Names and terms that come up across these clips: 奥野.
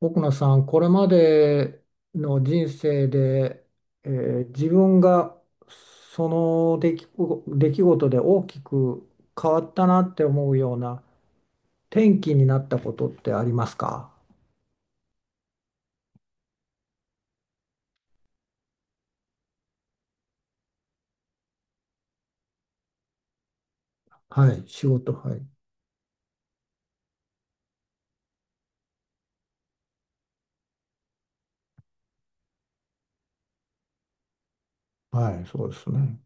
奥野さん、これまでの人生で、自分がその出来事で大きく変わったなって思うような転機になったことってありますか？はい、仕事、はい。はい、そうですね。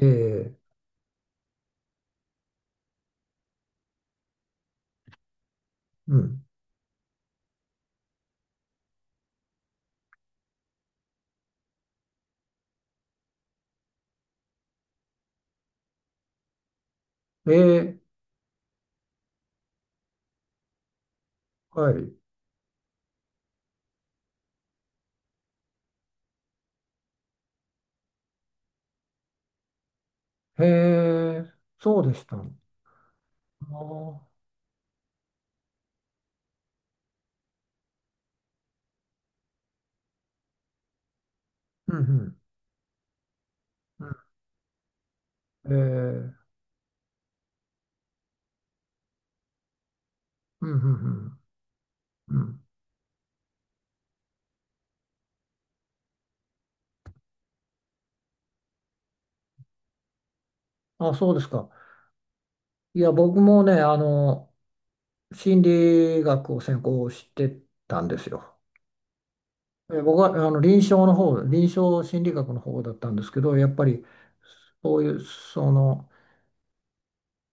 えー、うん。えー、はい。えー、そうでした。あー、うん、うん。うん、えーうん、うん、うん。うん。あ、そうですか。いや、僕もね、あの、心理学を専攻してたんですよ。僕はあの臨床の方、臨床心理学の方だったんですけど、やっぱりそういう、その、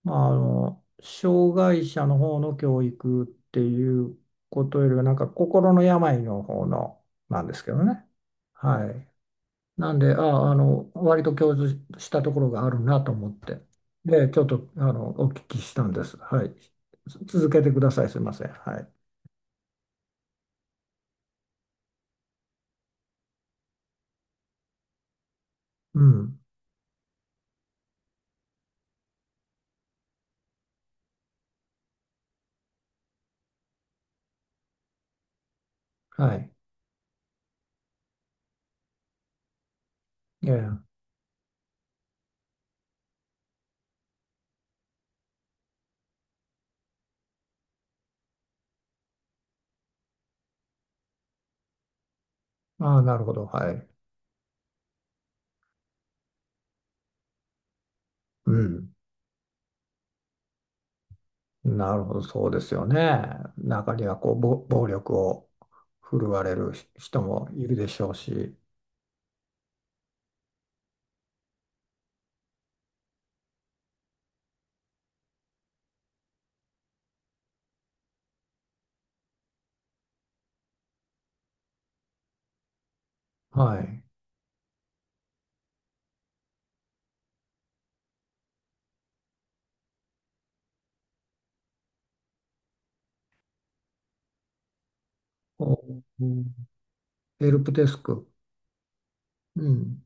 まあ、あの、障害者の方の教育っていうことよりは、なんか心の病の方の、なんですけどね。はい。なんで、ああ、あの、割と共通したところがあるなと思って。で、ちょっと、あの、お聞きしたんです。はい。続けてください。すいません。はい。うん。はい。ええ。ああ、なるほど。はい。うん。なるほど。そうですよね。中には、こう、暴力を振るわれる人もいるでしょうし。はい。お、うん、ヘルプデスク。うん。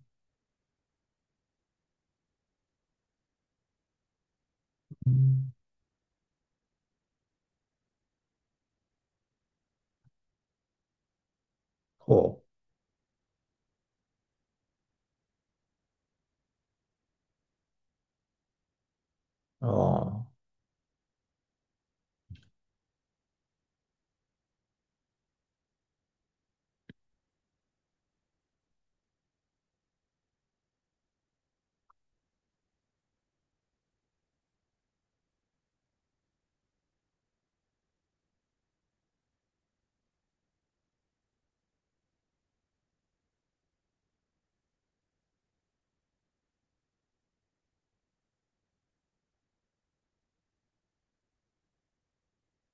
うん、ほう。あ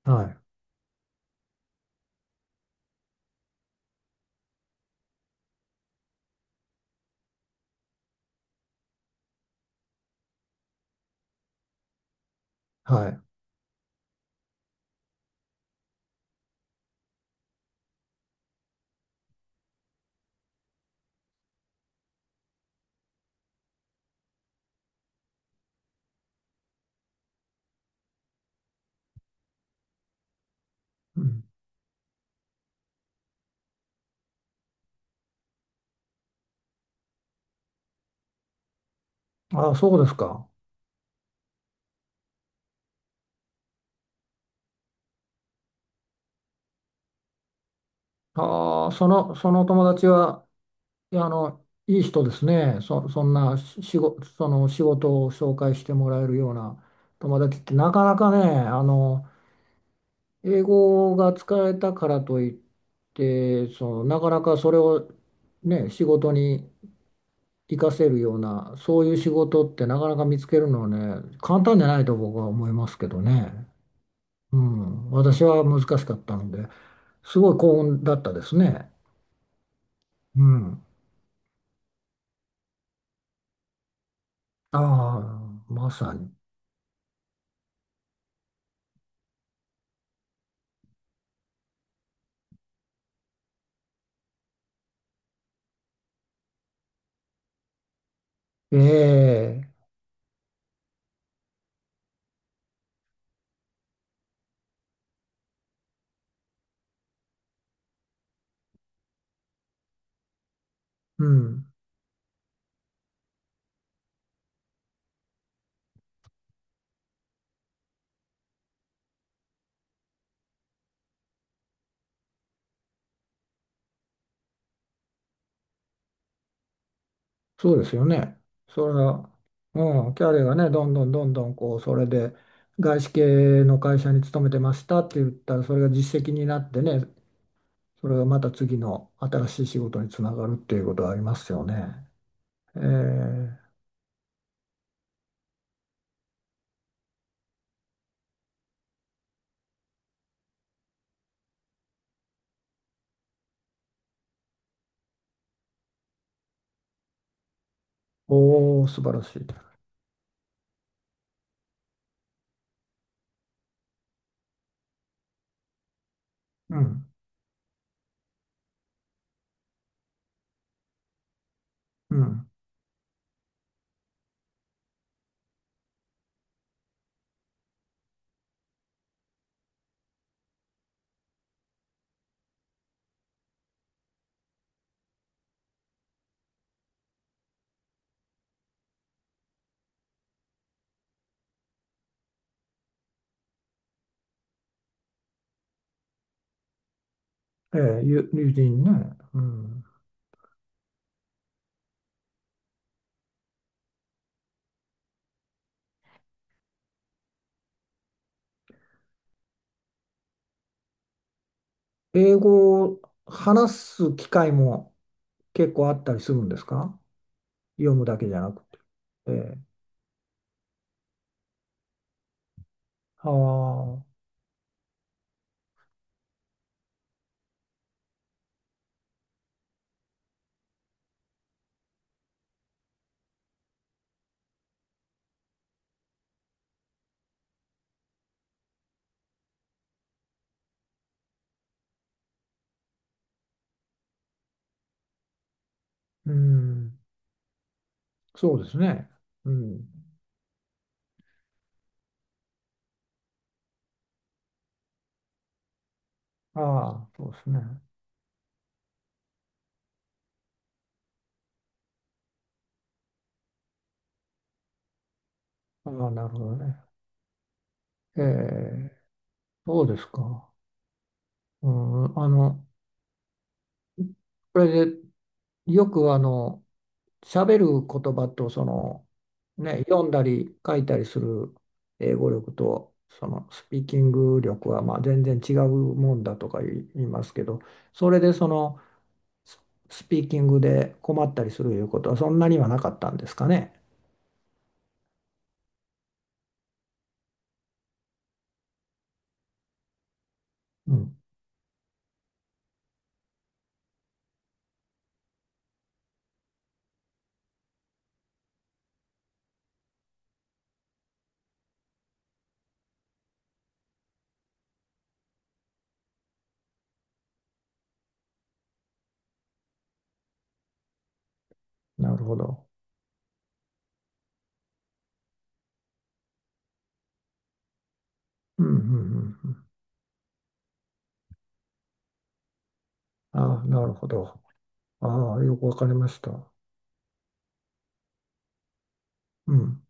あ。はい。はい。うん。ああ、そうですか。ああ、その友達は、いやあの、いい人ですね。そんな仕事、その仕事を紹介してもらえるような友達ってなかなかね、あの、英語が使えたからといって、その、なかなかそれをね、仕事に活かせるような、そういう仕事ってなかなか見つけるのはね、簡単じゃないと僕は思いますけどね。うん、私は難しかったので、すごい幸運だったですね。うん。ああ、まさに。ええ、うん、そうですよね。それは、うん、キャリアがね、どんどんどんどん、こう、それで、外資系の会社に勤めてましたって言ったら、それが実績になってね、それがまた次の新しい仕事につながるっていうことはありますよね。ええ、おお、素晴らしい。うん、うん、ええ、友人ね、うん。英語を話す機会も結構あったりするんですか？読むだけじゃなくて。ええ、はあ、うん、そうですね。うん。ああ、そうですね。ああ、なるほどね。ええ、そうですか。うん、あの、これでよくあの、喋る言葉と、その、ね、読んだり書いたりする英語力と、そのスピーキング力はまあ全然違うもんだとか言いますけど、それでその、ススピーキングで困ったりするいうことはそんなにはなかったんですかね。うん、なるほど。うん、うん、うん。うん。ああ、なるほど。ああ、よくわかりました。うん。